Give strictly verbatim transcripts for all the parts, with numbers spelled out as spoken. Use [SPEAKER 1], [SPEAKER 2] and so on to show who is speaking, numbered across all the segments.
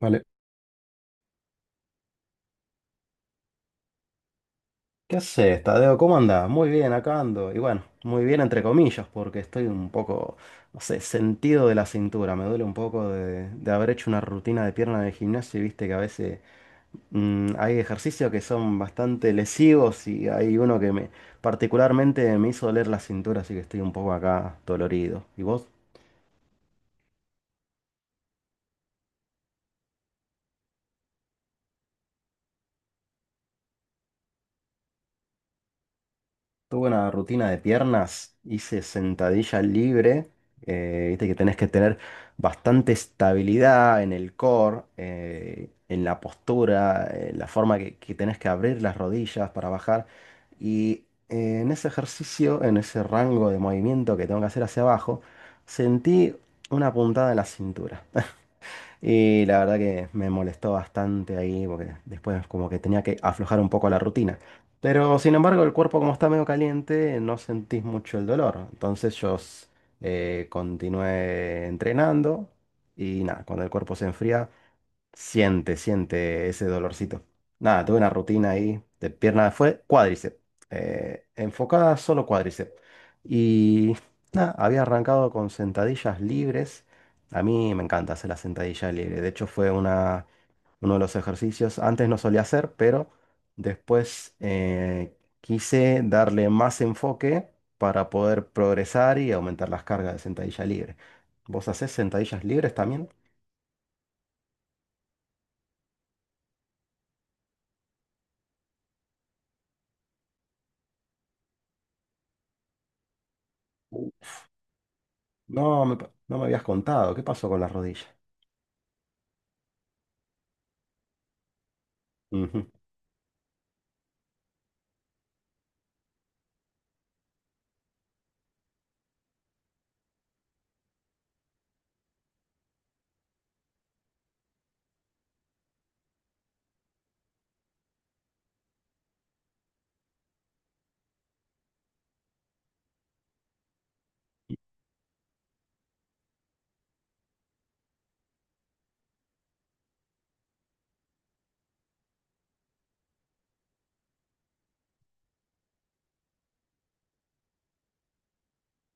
[SPEAKER 1] Vale. ¿Qué haces, Tadeo? ¿Cómo andás? Muy bien, acá ando. Y bueno, muy bien entre comillas, porque estoy un poco, no sé, sentido de la cintura. Me duele un poco de, de haber hecho una rutina de pierna de gimnasio y viste que a veces mm, hay ejercicios que son bastante lesivos y hay uno que me particularmente me hizo doler la cintura, así que estoy un poco acá dolorido. ¿Y vos? Tuve una rutina de piernas, hice sentadilla libre, eh, viste que tenés que tener bastante estabilidad en el core, eh, en la postura, en la forma que, que tenés que abrir las rodillas para bajar. Y eh, en ese ejercicio, en ese rango de movimiento que tengo que hacer hacia abajo, sentí una puntada en la cintura. Y la verdad que me molestó bastante ahí porque después como que tenía que aflojar un poco la rutina. Pero sin embargo el cuerpo como está medio caliente no sentís mucho el dolor. Entonces yo s- eh, continué entrenando y nada, cuando el cuerpo se enfría, Siente, siente ese dolorcito. Nada, tuve una rutina ahí de pierna, fue cuádriceps, eh, enfocada solo cuádriceps. Y nada, había arrancado con sentadillas libres. A mí me encanta hacer la sentadilla libre. De hecho, fue una, uno de los ejercicios. Antes no solía hacer, pero después eh, quise darle más enfoque para poder progresar y aumentar las cargas de sentadilla libre. ¿Vos hacés sentadillas libres también? No me, pa- no me habías contado. ¿Qué pasó con la rodilla? Ujú.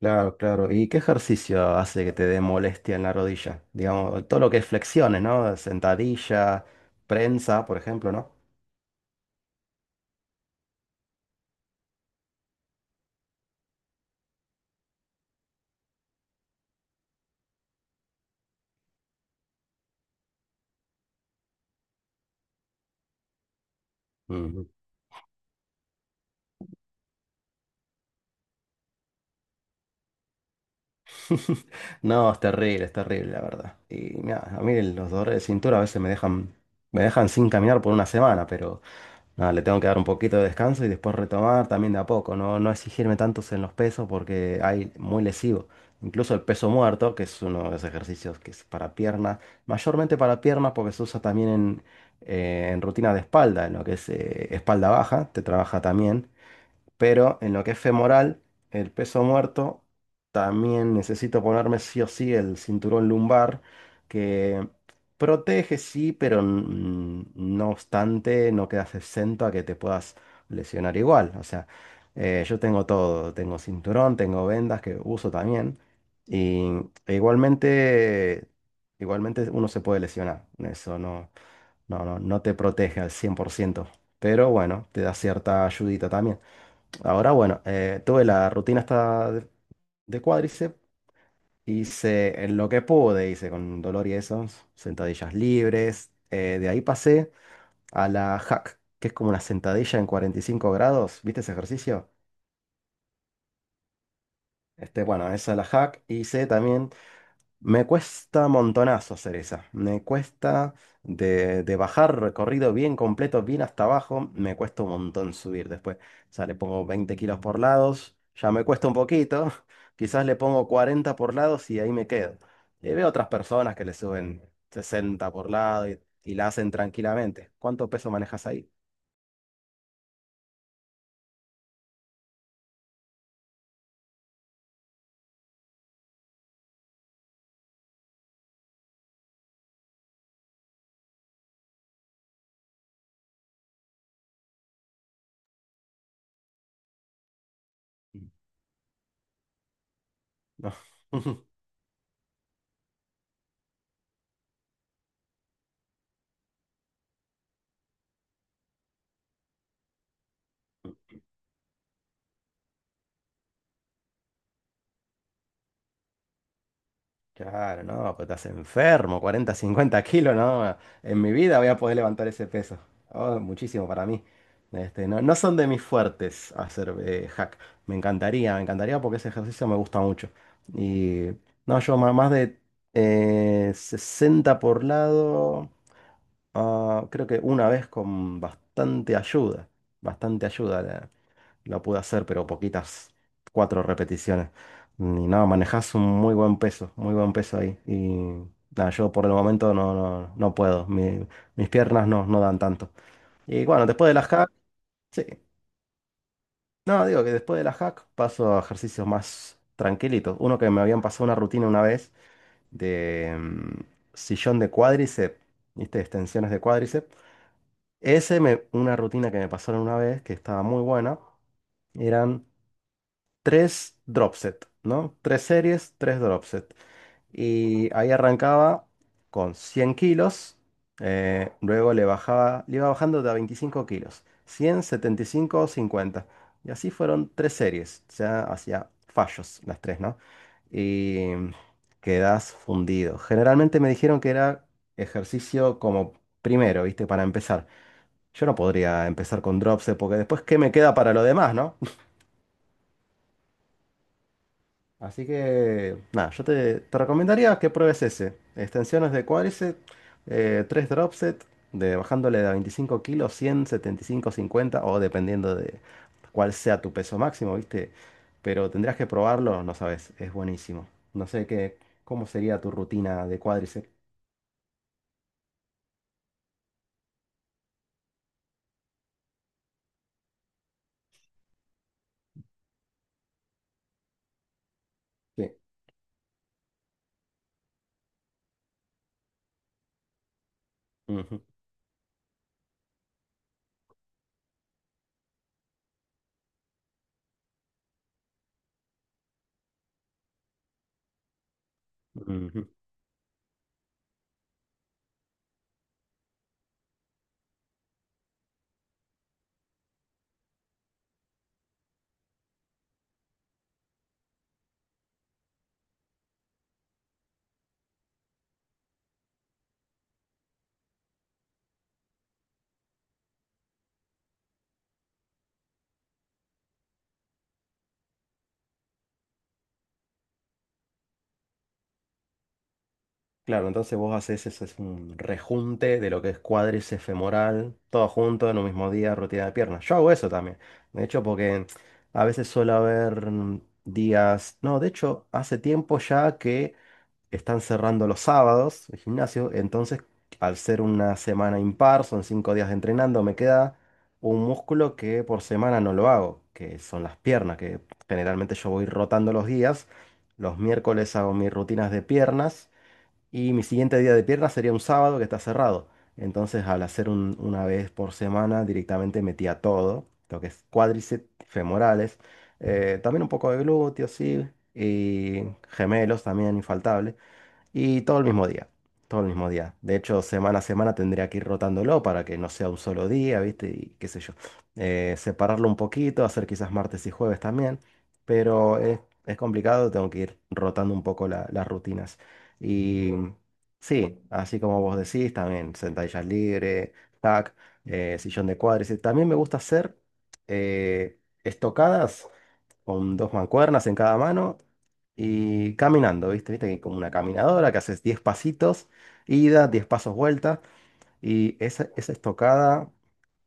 [SPEAKER 1] Claro, claro. ¿Y qué ejercicio hace que te dé molestia en la rodilla? Digamos, todo lo que es flexiones, ¿no? Sentadilla, prensa, por ejemplo, ¿no? Ujú. No, es terrible, es terrible, la verdad. Y mira, a mí los dolores de cintura a veces me dejan, me dejan sin caminar por una semana, pero nada, le tengo que dar un poquito de descanso y después retomar también de a poco, no, no exigirme tantos en los pesos porque hay muy lesivo. Incluso el peso muerto, que es uno de los ejercicios que es para piernas, mayormente para piernas porque se usa también en, eh, en rutina de espalda, en lo que es eh, espalda baja, te trabaja también. Pero en lo que es femoral, el peso muerto, también necesito ponerme sí o sí el cinturón lumbar, que protege sí, pero mm, no obstante, no quedas exento a que te puedas lesionar igual. O sea, eh, yo tengo todo, tengo cinturón, tengo vendas que uso también. Y e igualmente, igualmente uno se puede lesionar. Eso no, no, no, no te protege al cien por ciento, pero bueno, te da cierta ayudita también. Ahora, bueno, eh, tuve la rutina esta de, de cuádriceps, hice en lo que pude, hice con dolor y eso, sentadillas libres. Eh, de ahí pasé a la hack, que es como una sentadilla en cuarenta y cinco grados, ¿viste ese ejercicio? Este, bueno, esa es la hack. Hice también. Me cuesta montonazo hacer esa. Me cuesta de, de bajar recorrido bien completo, bien hasta abajo. Me cuesta un montón subir después. O sea, le pongo veinte kilos por lados. Ya me cuesta un poquito. Quizás le pongo cuarenta por lados y ahí me quedo. Y veo otras personas que le suben sesenta por lado y, y la hacen tranquilamente. ¿Cuánto peso manejas ahí? No. Claro, no, pues estás enfermo, cuarenta, cincuenta kilos, no. En mi vida voy a poder levantar ese peso. Oh, muchísimo para mí. Este, no, no son de mis fuertes hacer eh, hack. Me encantaría, me encantaría porque ese ejercicio me gusta mucho. Y no, yo ma- más de eh, sesenta por lado, ah, creo que una vez con bastante ayuda. Bastante ayuda. Lo pude hacer, pero poquitas, cuatro repeticiones. Y nada, manejás un muy buen peso, muy buen peso ahí. Y nada, yo por el momento no, no, no puedo. Mi- mis piernas no, no dan tanto. Y bueno, después de las hack, sí. No, digo que después de las hack paso a ejercicios más tranquilitos. Uno que me habían pasado una rutina una vez de mm, sillón de cuádriceps, ¿viste? Extensiones de cuádriceps. Ese me, una rutina que me pasaron una vez que estaba muy buena. Eran tres dropset, ¿no? Tres series, tres dropset. Y ahí arrancaba con cien kilos, eh, luego le bajaba, le iba bajando de a veinticinco kilos, cien, setenta y cinco, cincuenta. Y así fueron tres series, o sea, hacía fallos las tres, ¿no? Y quedas fundido. Generalmente me dijeron que era ejercicio como primero, ¿viste? Para empezar. Yo no podría empezar con dropset porque después, ¿qué me queda para lo demás, no? Así que, nada, yo te, te recomendaría que pruebes ese. Extensiones de cuádriceps, eh, tres drop set de, bajándole de a veinticinco kilos, cien, setenta y cinco, cincuenta o dependiendo de cuál sea tu peso máximo, ¿viste? Pero tendrías que probarlo, no sabes, es buenísimo. No sé qué, cómo sería tu rutina de cuádriceps. Sí. Ujú, ujú. Claro, entonces vos haces eso, es un rejunte de lo que es cuádriceps femoral, todo junto en un mismo día, rutina de piernas. Yo hago eso también. De hecho, porque a veces suele haber mm, días. No, de hecho, hace tiempo ya que están cerrando los sábados el gimnasio. Entonces, al ser una semana impar, son cinco días de entrenando, me queda un músculo que por semana no lo hago, que son las piernas, que generalmente yo voy rotando los días. Los miércoles hago mis rutinas de piernas. Y mi siguiente día de pierna sería un sábado que está cerrado. Entonces, al hacer un- una vez por semana, directamente metía todo, lo que es cuádriceps, femorales, eh, también un poco de glúteos, sí, y gemelos también, infaltable. Y todo el mismo día, todo el mismo día. De hecho, semana a semana tendría que ir rotándolo para que no sea un solo día, ¿viste? Y qué sé yo. Eh, separarlo un poquito, hacer quizás martes y jueves también, pero es, es complicado, tengo que ir rotando un poco la- las rutinas. Y sí, así como vos decís, también sentadillas libres, tac, eh, sillón de cuádriceps. También me gusta hacer eh, estocadas con dos mancuernas en cada mano y caminando, ¿viste? Viste que como una caminadora que haces diez pasitos, ida, diez pasos vuelta y esa, esa estocada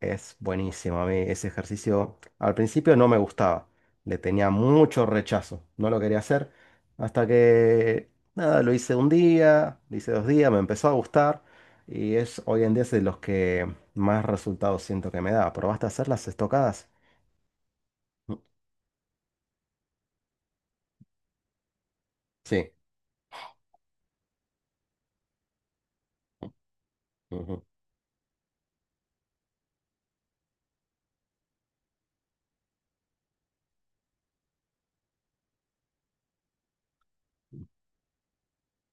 [SPEAKER 1] es buenísima. A mí ese ejercicio al principio no me gustaba, le tenía mucho rechazo, no lo quería hacer hasta que, nada, lo hice un día, lo hice dos días, me empezó a gustar y es hoy en día es de los que más resultados siento que me da. ¿Probaste a hacer las estocadas? Mm, sí.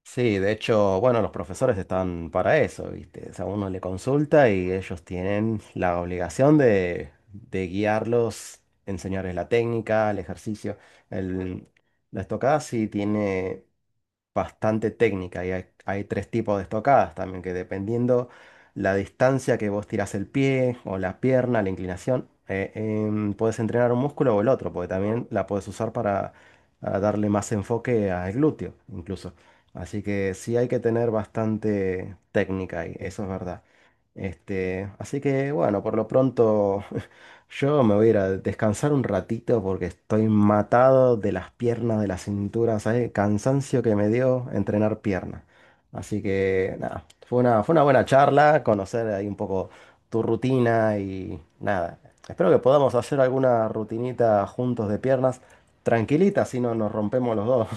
[SPEAKER 1] Sí, de hecho, bueno, los profesores están para eso, ¿viste? O sea, uno le consulta y ellos tienen la obligación de, de guiarlos, enseñarles la técnica, el ejercicio. El, la estocada sí tiene bastante técnica y hay, hay tres tipos de estocadas también, que dependiendo la distancia que vos tirás el pie o la pierna, la inclinación, eh, em, puedes entrenar un músculo o el otro, porque también la puedes usar para a darle más enfoque al glúteo, incluso. Así que sí hay que tener bastante técnica ahí, eso es verdad. Este, así que bueno, por lo pronto yo me voy a ir a descansar un ratito porque estoy matado de las piernas, de la cintura, ¿sabes? Cansancio que me dio entrenar piernas. Así que nada, fue una, fue una buena charla, conocer ahí un poco tu rutina y nada. Espero que podamos hacer alguna rutinita juntos de piernas, tranquilita, si no nos rompemos los dos.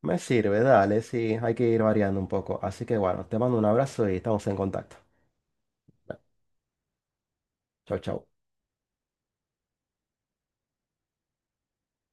[SPEAKER 1] Me sirve, dale, sí, hay que ir variando un poco. Así que bueno, te mando un abrazo y estamos en contacto. Bueno, chau, chau.